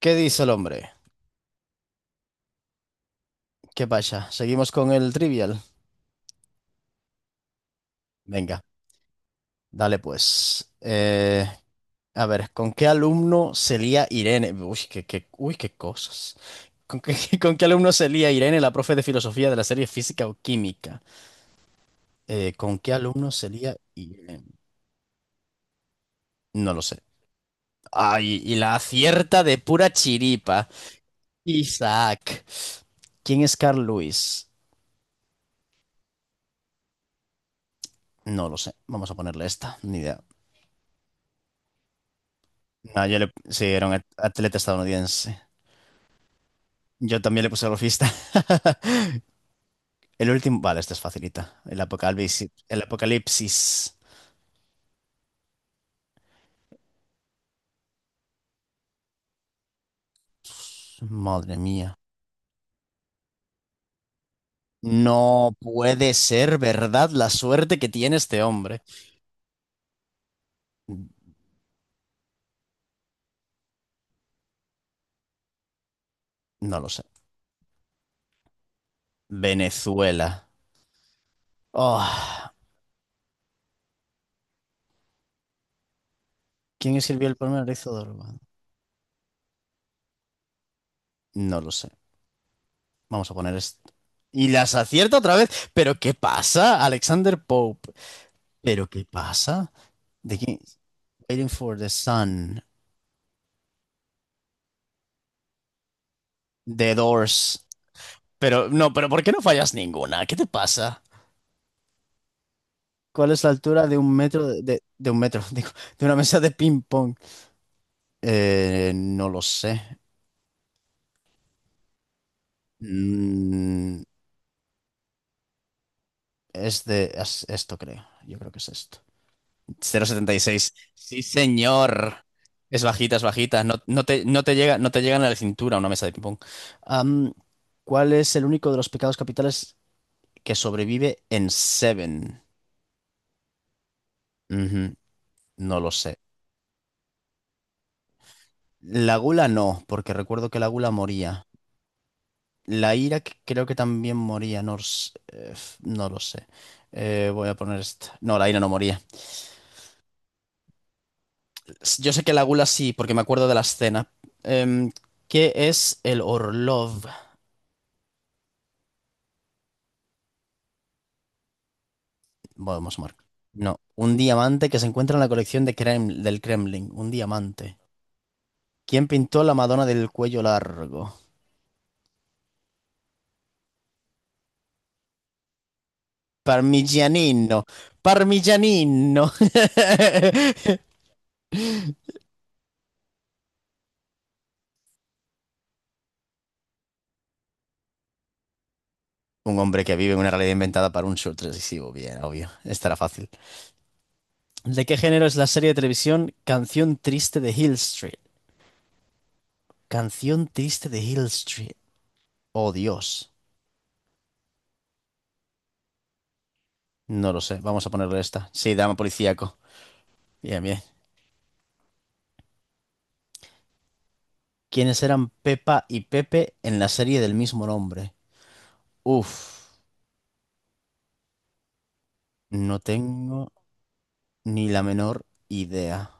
¿Qué dice el hombre? ¿Qué pasa? ¿Seguimos con el trivial? Venga, dale pues. A ver, ¿con qué alumno se lía Irene? Uy, uy, qué cosas. ¿Con qué, con qué alumno se lía Irene, la profe de filosofía de la serie Física o Química? ¿Con qué alumno se lía Irene? No lo sé. Ay, y la acierta de pura chiripa. Isaac. ¿Quién es Carl Lewis? No lo sé. Vamos a ponerle esta. Ni idea. No, yo le... Sí, era un atleta estadounidense. Yo también le puse golfista. El último, vale, esta es facilita. El apocalipsis. El apocalipsis. Madre mía. No puede ser verdad la suerte que tiene este hombre. No lo sé. Venezuela. Oh, ¿quién escribió el poema Erizo de Orban? No lo sé. Vamos a poner esto. Y las acierta otra vez. ¿Pero qué pasa? Alexander Pope. ¿Pero qué pasa? ¿De quién? Waiting for the Sun. The Doors. Pero no, pero ¿por qué no fallas ninguna? ¿Qué te pasa? ¿Cuál es la altura de un metro de, de un metro, digo, de una mesa de ping pong? No lo sé. Mm, es esto, creo. Yo creo que es esto. 0,76. Sí, señor. Es bajita, es bajita. No, no te, no te llega, no te llegan a la cintura una mesa de ping pong. Am, ¿cuál es el único de los pecados capitales que sobrevive en Seven? Ujú, no lo sé. La gula no, porque recuerdo que la gula moría. La ira creo que también moría. No, no lo sé. Voy a poner esta. No, la ira no moría. Yo sé que la gula sí, porque me acuerdo de la escena. Em, ¿qué es el Orlov? Bueno, vamos a marcar. No, un diamante que se encuentra en la colección de del Kremlin. Un diamante. ¿Quién pintó la Madonna del cuello largo? Parmigianino. Parmigianino. Un hombre que vive en una realidad inventada para un show televisivo. Bien, obvio. Esta era fácil. ¿De qué género es la serie de televisión Canción Triste de Hill Street? Canción Triste de Hill Street. Oh, Dios. No lo sé. Vamos a ponerle esta. Sí, drama policíaco. Bien, bien. ¿Quiénes eran Pepa y Pepe en la serie del mismo nombre? Uf. No tengo ni la menor idea.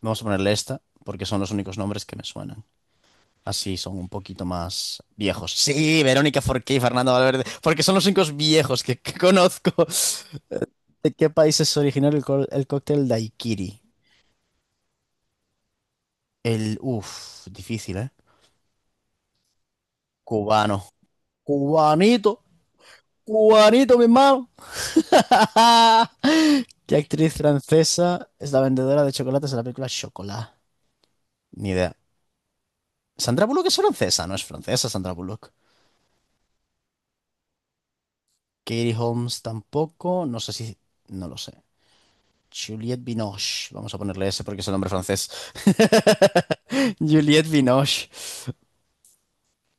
Vamos a ponerle esta porque son los únicos nombres que me suenan. Así son un poquito más viejos. Sí, Verónica Forqué y Fernando Valverde, porque son los únicos viejos que conozco. ¿De qué país es originario el, el cóctel daiquiri? El, uff, difícil, ¿eh? Cubano. Cubanito, cubanito, mi hermano. ¿Qué actriz francesa es la vendedora de chocolates en la película Chocolat? Ni idea. Sandra Bullock es francesa, no es francesa Sandra Bullock. Katie Holmes tampoco, no sé si... No lo sé. Juliette Binoche. Vamos a ponerle ese porque es el nombre francés. Juliette Binoche.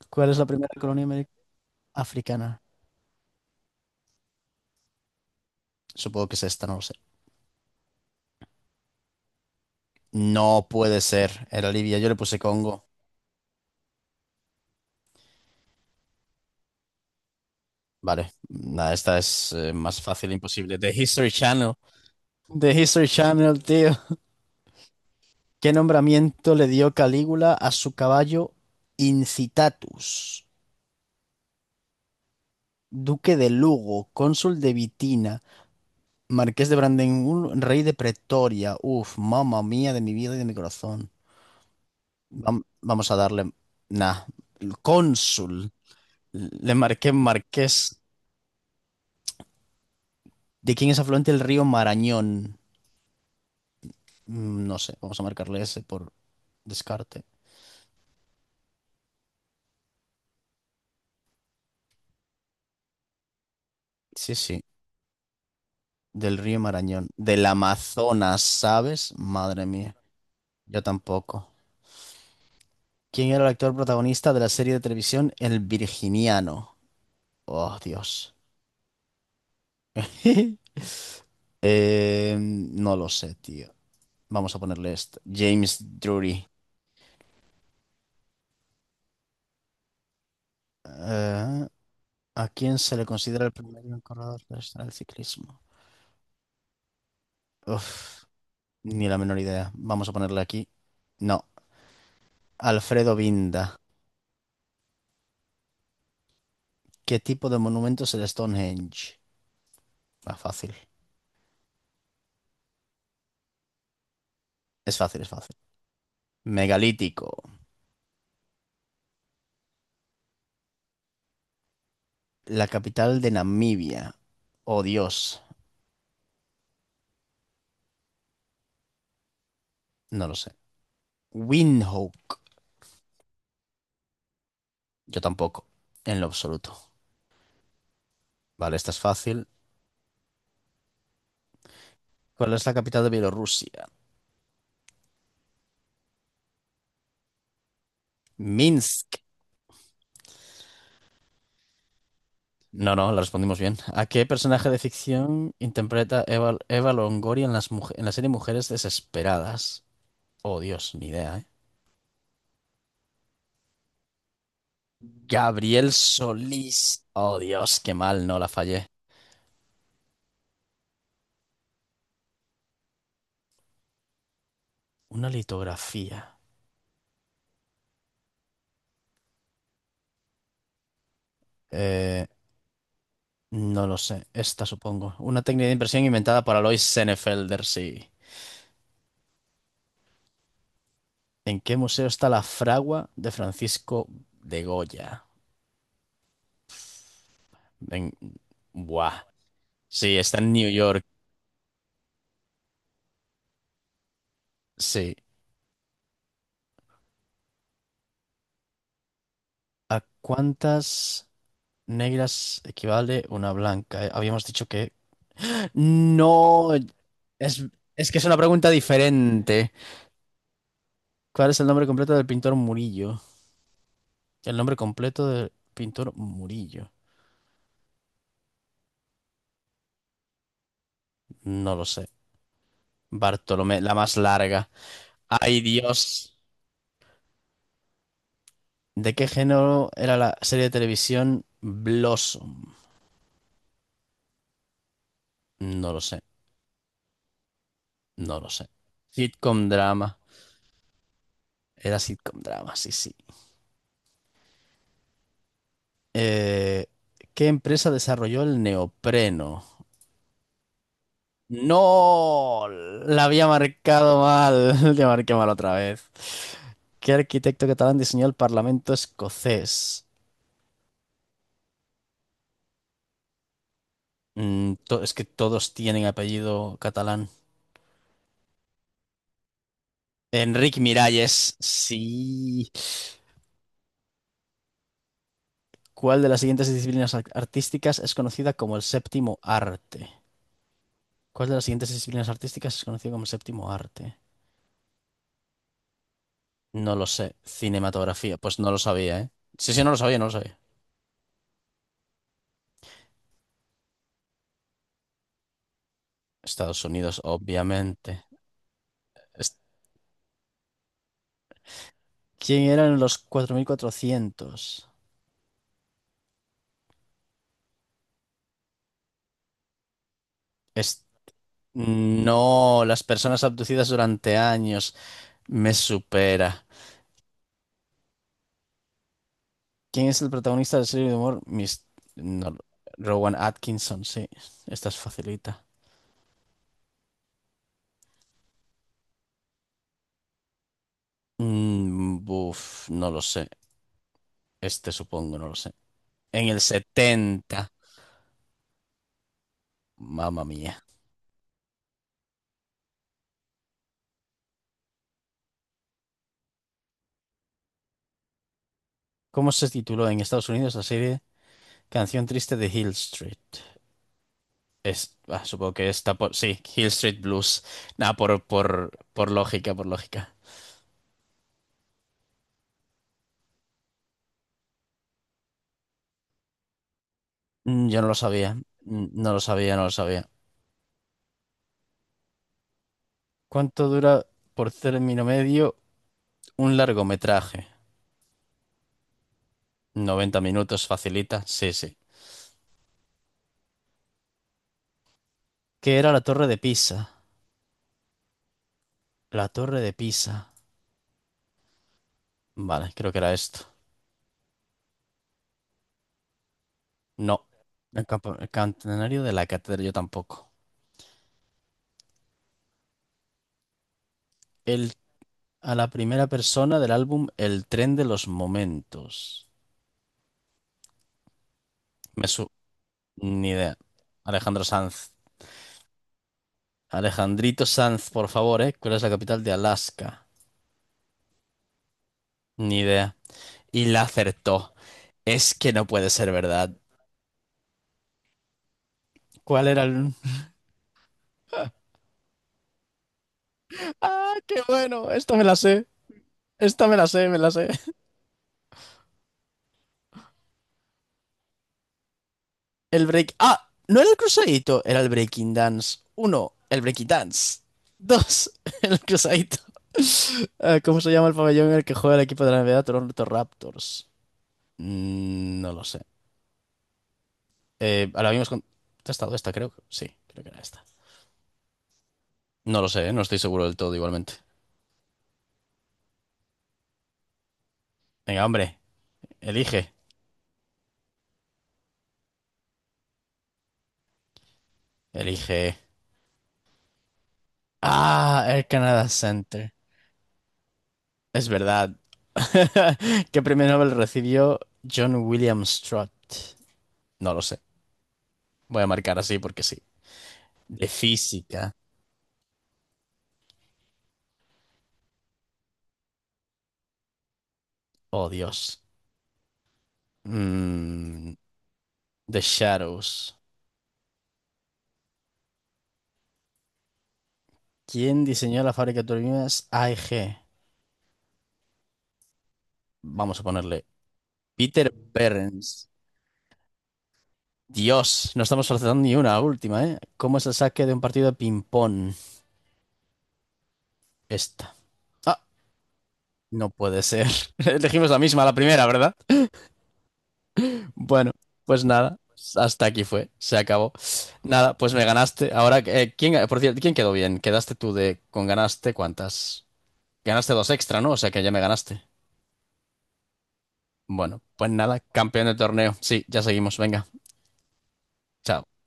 ¿Cuál es la primera colonia africana? Supongo que es esta, no lo sé. No puede ser. Era Libia. Yo le puse Congo. Vale. Nada, esta es más fácil, imposible. The History Channel. The History Channel, tío. ¿Qué nombramiento le dio Calígula a su caballo Incitatus? Duque de Lugo, cónsul de Vitina. Marqués de Brandenburg, rey de Pretoria. Uf, mamá mía de mi vida y de mi corazón. Vamos a darle. Nah. El Cónsul. Le marqué marqués. ¿De quién es afluente el río Marañón? No sé, vamos a marcarle ese por descarte. Sí, sí, del río Marañón. Del Amazonas, ¿sabes? Madre mía, yo tampoco. ¿Quién era el actor protagonista de la serie de televisión El Virginiano? Oh, Dios. No lo sé, tío. Vamos a ponerle este. James Drury. Eh, ¿a quién se le considera el primer gran corredor tradicional del ciclismo? Uf, ni la menor idea. Vamos a ponerle aquí. No. Alfredo Binda. ¿Qué tipo de monumento es el Stonehenge? Ah, fácil. Es fácil, es fácil. Megalítico. La capital de Namibia. Oh, Dios. No lo sé. Windhoek. Yo tampoco. En lo absoluto. Vale, esta es fácil. ¿Cuál es la capital de Bielorrusia? Minsk. No, no, la respondimos bien. ¿A qué personaje de ficción interpreta Eva Longoria en las en la serie Mujeres Desesperadas? Oh, Dios, ni idea, ¿eh? Gabriel Solís. Oh, Dios, qué mal, no la fallé. Una litografía. Eh, no lo sé. Esta, supongo. Una técnica de impresión inventada por Alois Senefelder, sí. ¿En qué museo está la fragua de Francisco de Goya? En... Buah. Sí, está en New York. Sí. ¿A cuántas negras equivale una blanca? Habíamos dicho que... No, es que es una pregunta diferente. ¿Cuál es el nombre completo del pintor Murillo? El nombre completo del pintor Murillo. No lo sé. Bartolomé, la más larga. Ay, Dios. ¿De qué género era la serie de televisión Blossom? No lo sé, no lo sé. Sitcom drama. Era sitcom drama, sí, sí. Eh, ¿qué empresa desarrolló el neopreno? No, la había marcado mal. La marqué mal otra vez. ¿Qué arquitecto catalán diseñó el Parlamento escocés? Mm, es que todos tienen apellido catalán. Enric Miralles, sí. ¿Cuál de las siguientes disciplinas artísticas es conocida como el séptimo arte? ¿Cuál de las siguientes disciplinas artísticas es conocida como el séptimo arte? No lo sé. Cinematografía, pues no lo sabía, ¿eh? Sí, sí, no lo sabía, no lo sabía. Estados Unidos, obviamente. ¿Quién eran los 4.400? Es- No, las personas abducidas durante años. Me supera. ¿Quién es el protagonista de la serie de humor? No, Rowan Atkinson, sí. Esta es facilita. Buf, no lo sé. Este supongo, no lo sé. En el setenta. Mamma mía. ¿Cómo se tituló en Estados Unidos la serie Canción Triste de Hill Street? Supongo que está por... Sí, Hill Street Blues. Nada, por lógica, por lógica. Yo no lo sabía. No lo sabía, no lo sabía. ¿Cuánto dura por término medio un largometraje? 90 minutos, facilita. Sí, sí. ¿Qué era la Torre de Pisa? La Torre de Pisa. Vale, creo que era esto. No. El, el campanario de la catedral, yo tampoco. El, a la primera persona del álbum El tren de los momentos. Me, su- Ni idea. Alejandro Sanz. Alejandrito Sanz, por favor, ¿eh? ¿Cuál es la capital de Alaska? Ni idea. Y la acertó. Es que no puede ser verdad. ¿Cuál era el...? ¡Ah, qué bueno! Esta me la sé. Esta me la sé, me la sé. El break... ¡Ah! No era el cruzadito, era el breaking dance. Uno, el breaking dance. Dos, el cruzadito. Ah, ¿cómo se llama el pabellón en el que juega el equipo de la NBA Toronto Raptors? No lo sé. Ahora mismo hemos contestado esta, creo. Sí, creo que era esta. No lo sé, ¿eh? No estoy seguro del todo igualmente. Venga, hombre, elige. Elige. Ah, Air Canada Center. Es verdad. ¿Qué premio Nobel recibió John William Strutt? No lo sé. Voy a marcar así porque sí. De física. Oh, Dios. Mm, The Shadows. ¿Quién diseñó la fábrica de turbinas AEG? Vamos a ponerle Peter Behrens. Dios, no estamos acertando ni una última, ¿eh? ¿Cómo es el saque de un partido de ping-pong? Esta. Ah, no puede ser. Elegimos la misma, la primera, ¿verdad? Bueno, pues nada. Hasta aquí fue. Se acabó. Nada, pues me ganaste. Ahora, ¿quién, por cierto, ¿quién quedó bien? Quedaste tú de... con ganaste cuántas? Ganaste dos extra, ¿no? O sea que ya me ganaste. Bueno, pues nada, campeón del torneo. Sí, ya seguimos. Venga, chao.